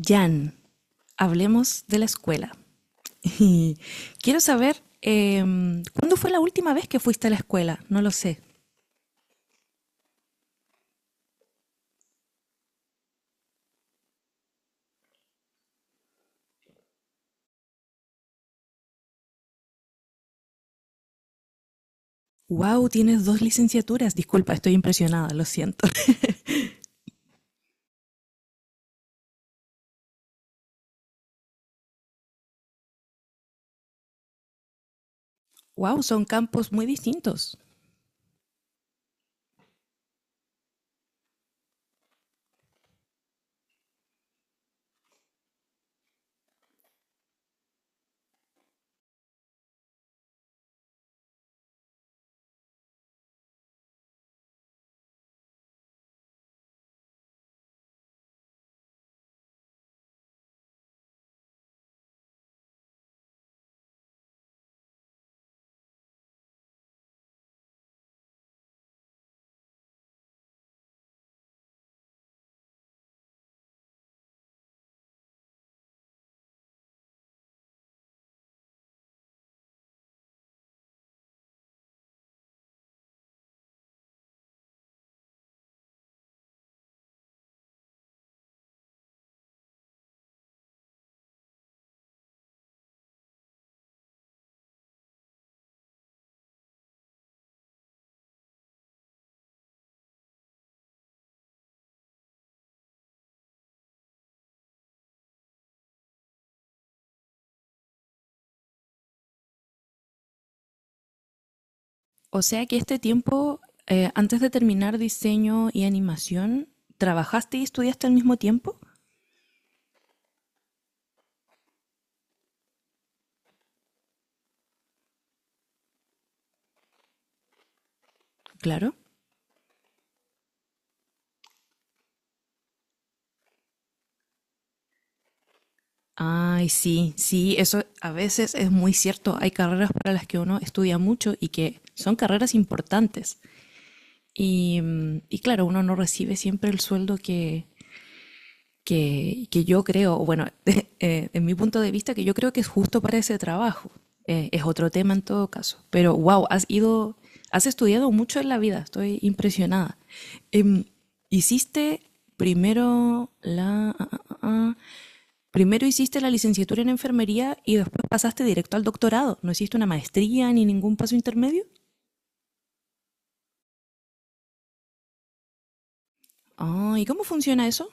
Jan, hablemos de la escuela. Quiero saber, ¿cuándo fue la última vez que fuiste a la escuela? No lo sé. Wow, tienes dos licenciaturas. Disculpa, estoy impresionada, lo siento. Wow, son campos muy distintos. O sea que este tiempo, antes de terminar diseño y animación, ¿trabajaste y estudiaste al mismo tiempo? Claro. Ay, sí, sí, eso a veces es muy cierto. Hay carreras para las que uno estudia mucho y que son carreras importantes. Y, y claro, uno no recibe siempre el sueldo que, que yo creo, bueno, en mi punto de vista, que yo creo que es justo para ese trabajo. Es otro tema en todo caso. Pero wow, has estudiado mucho en la vida, estoy impresionada. Em, hiciste primero la... ah, ah, ah, ah, Primero hiciste la licenciatura en enfermería y después pasaste directo al doctorado. ¿No hiciste una maestría ni ningún paso intermedio? Ah, ¿y cómo funciona eso?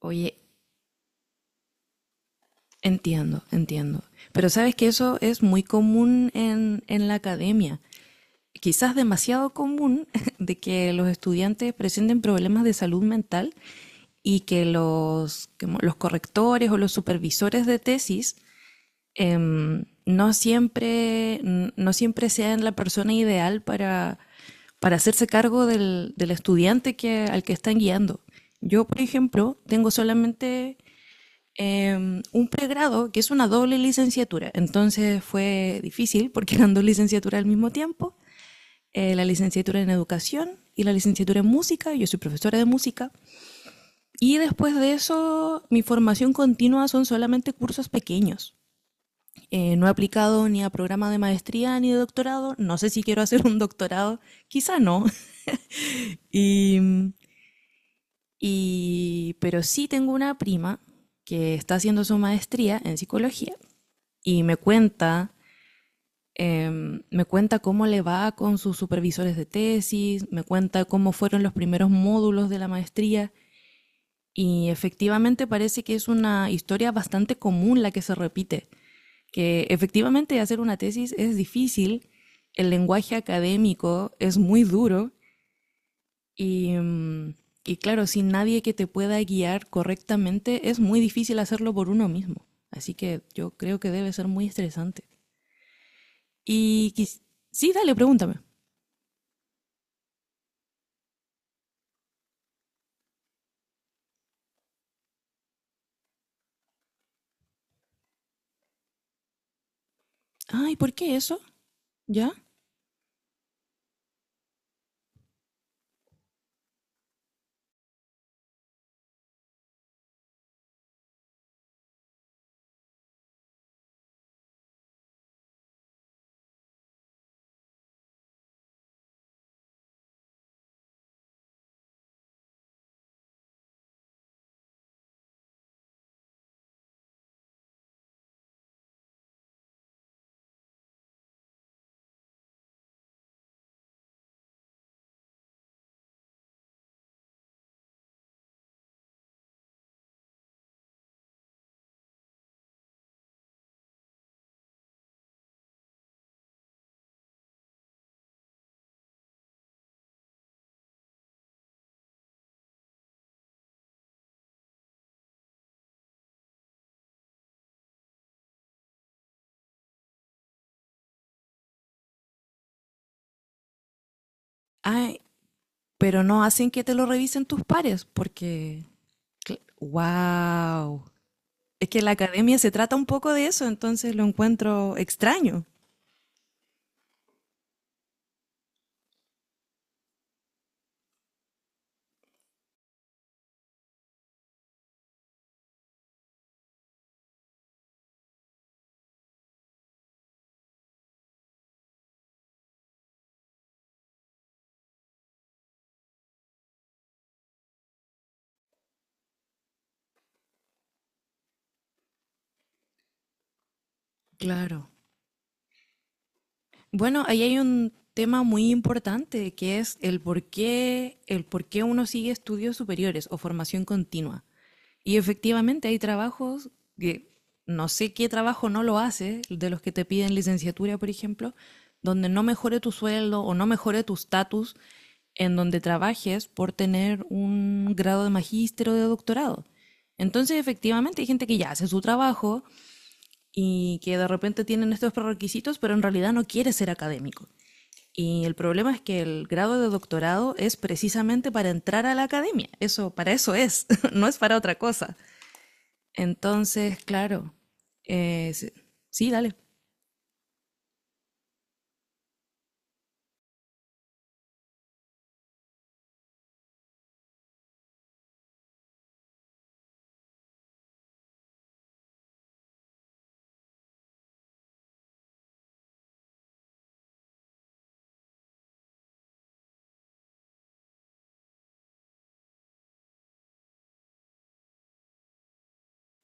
Oye. Entiendo, entiendo. Pero sabes que eso es muy común en la academia. Quizás demasiado común de que los estudiantes presenten problemas de salud mental y que los correctores o los supervisores de tesis no siempre sean la persona ideal para, hacerse cargo del estudiante que, al que están guiando. Yo, por ejemplo, tengo solamente un pregrado que es una doble licenciatura. Entonces fue difícil porque eran dos licenciaturas al mismo tiempo, la licenciatura en educación y la licenciatura en música, yo soy profesora de música, y después de eso mi formación continua son solamente cursos pequeños. No he aplicado ni a programa de maestría ni de doctorado, no sé si quiero hacer un doctorado, quizá no, y, pero sí tengo una prima que está haciendo su maestría en psicología y me cuenta cómo le va con sus supervisores de tesis, me cuenta cómo fueron los primeros módulos de la maestría y efectivamente parece que es una historia bastante común la que se repite, que efectivamente hacer una tesis es difícil, el lenguaje académico es muy duro y, mm, y claro, sin nadie que te pueda guiar correctamente es muy difícil hacerlo por uno mismo. Así que yo creo que debe ser muy estresante. Y quis- sí, dale, pregúntame. Ay, ¿por qué eso? ¿Ya? Ay, pero no hacen que te lo revisen tus pares, porque... ¡Wow! Es que la academia se trata un poco de eso, entonces lo encuentro extraño. Claro. Bueno, ahí hay un tema muy importante que es el por qué uno sigue estudios superiores o formación continua. Y efectivamente hay trabajos que no sé qué trabajo no lo hace, de los que te piden licenciatura, por ejemplo, donde no mejore tu sueldo o no mejore tu estatus en donde trabajes por tener un grado de magíster o de doctorado. Entonces, efectivamente, hay gente que ya hace su trabajo, y que de repente tienen estos prerequisitos, pero en realidad no quiere ser académico. Y el problema es que el grado de doctorado es precisamente para entrar a la academia. Eso, para eso es, no es para otra cosa. Entonces, claro. Sí, sí, dale.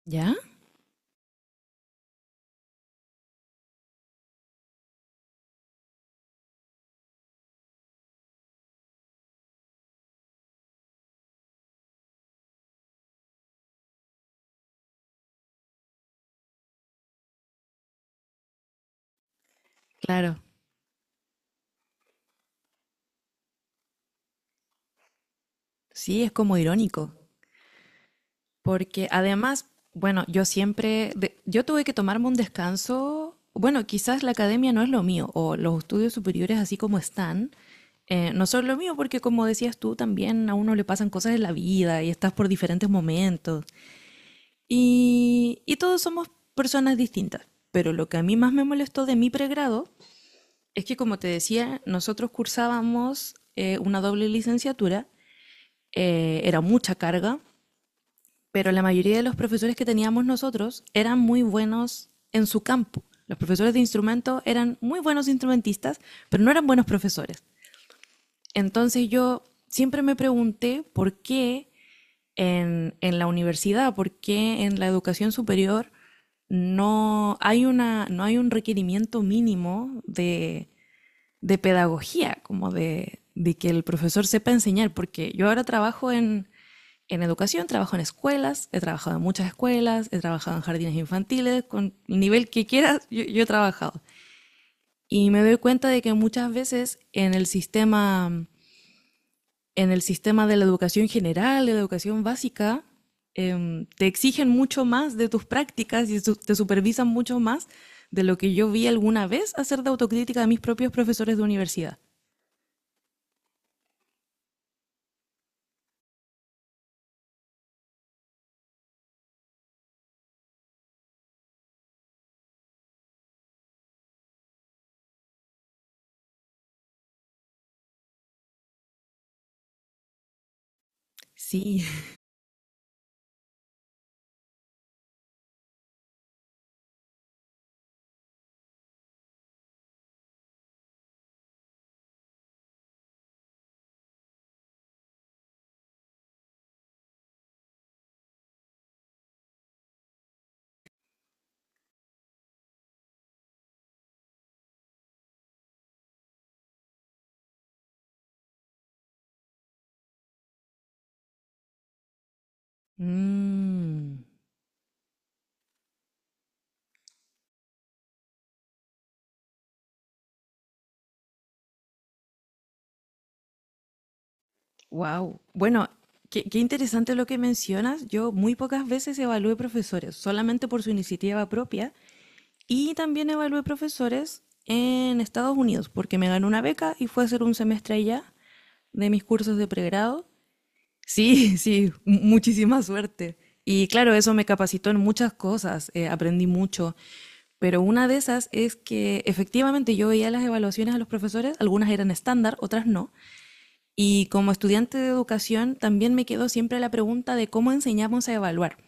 ¿Ya? Claro. Sí, es como irónico. Porque además, bueno, yo tuve que tomarme un descanso. Bueno, quizás la academia no es lo mío, o los estudios superiores así como están, no son lo mío, porque como decías tú, también a uno le pasan cosas en la vida y estás por diferentes momentos. Y todos somos personas distintas. Pero lo que a mí más me molestó de mi pregrado es que, como te decía, nosotros cursábamos una doble licenciatura, era mucha carga, pero la mayoría de los profesores que teníamos nosotros eran muy buenos en su campo. Los profesores de instrumento eran muy buenos instrumentistas, pero no eran buenos profesores. Entonces yo siempre me pregunté por qué en la universidad, por qué en la educación superior no hay un requerimiento mínimo de, pedagogía, como de que el profesor sepa enseñar, porque yo ahora trabajo en educación, trabajo en escuelas, he trabajado en muchas escuelas, he trabajado en jardines infantiles, con el nivel que quieras, yo he trabajado. Y me doy cuenta de que muchas veces en el sistema de la educación general, de la educación básica, te exigen mucho más de tus prácticas te supervisan mucho más de lo que yo vi alguna vez hacer de autocrítica de mis propios profesores de universidad. Sí. Mm. Wow. Bueno, qué interesante lo que mencionas. Yo muy pocas veces evalué profesores, solamente por su iniciativa propia. Y también evalué profesores en Estados Unidos, porque me ganó una beca y fue a hacer un semestre allá de mis cursos de pregrado. Sí, sí, muchísima suerte. Y claro, eso me capacitó en muchas cosas, aprendí mucho. Pero una de esas es que efectivamente yo veía las evaluaciones a los profesores, algunas eran estándar, otras no. Y como estudiante de educación también me quedó siempre la pregunta de cómo enseñamos a evaluar,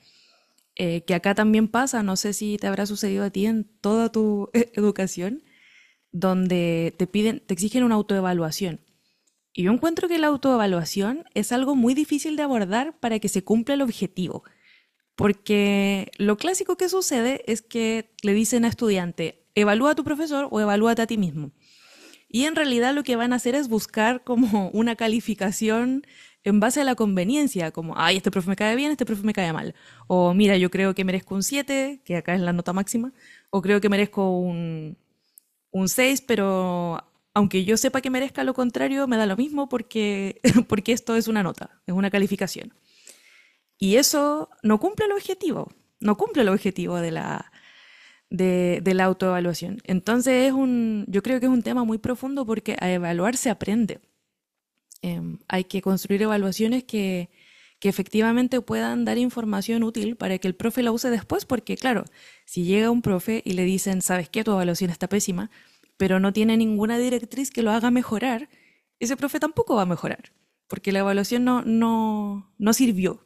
que acá también pasa, no sé si te habrá sucedido a ti en toda tu educación, donde te piden, te exigen una autoevaluación. Y yo encuentro que la autoevaluación es algo muy difícil de abordar para que se cumpla el objetivo, porque lo clásico que sucede es que le dicen a estudiante, evalúa a tu profesor o evalúate a ti mismo. Y en realidad lo que van a hacer es buscar como una calificación en base a la conveniencia, como, ay, este profe me cae bien, este profe me cae mal. O mira, yo creo que merezco un 7 que acá es la nota máxima, o creo que merezco un 6 pero aunque yo sepa que merezca lo contrario, me da lo mismo porque, porque esto es una nota, es una calificación. Y eso no cumple el objetivo, no cumple el objetivo de la, de la autoevaluación. Entonces yo creo que es un tema muy profundo porque a evaluar se aprende. Eh, Hay que construir evaluaciones que, efectivamente puedan dar información útil para que el profe la use después, porque claro, si llega un profe y le dicen, sabes qué, tu evaluación está pésima, pero no tiene ninguna directriz que lo haga mejorar, ese profe tampoco va a mejorar, porque la evaluación no, no sirvió.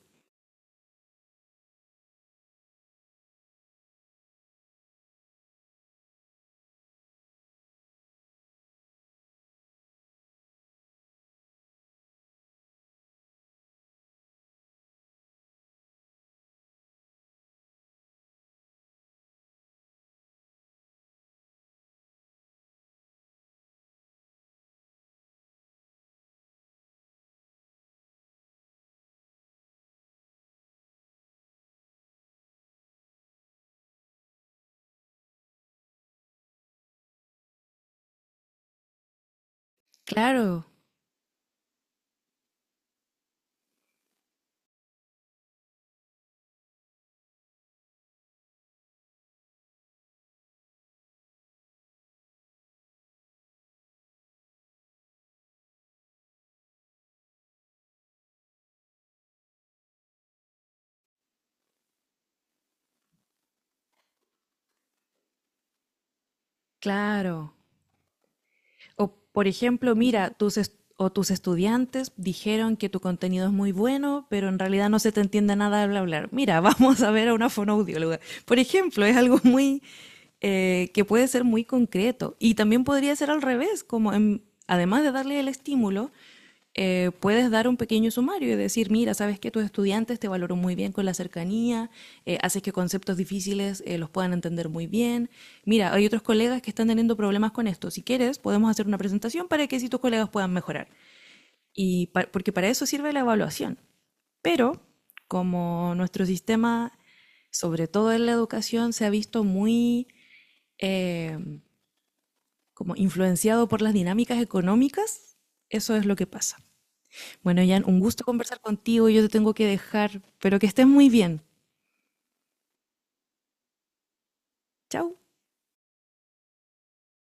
Claro, claro. O, por ejemplo, mira, o tus estudiantes dijeron que tu contenido es muy bueno, pero en realidad no se te entiende nada de hablar. Mira, vamos a ver a una fonoaudióloga. Por ejemplo, es algo muy que puede ser muy concreto. Y también podría ser al revés, como además de darle el estímulo, puedes dar un pequeño sumario y decir, mira, sabes que tus estudiantes te valoran muy bien con la cercanía, haces que conceptos difíciles los puedan entender muy bien. Mira, hay otros colegas que están teniendo problemas con esto. Si quieres, podemos hacer una presentación para que si tus colegas puedan mejorar. Y pa porque para eso sirve la evaluación. Pero como nuestro sistema, sobre todo en la educación, se ha visto muy eh, como influenciado por las dinámicas económicas, eso es lo que pasa. Bueno, Jan, un gusto conversar contigo. Yo te tengo que dejar, pero que estés muy bien. Chao.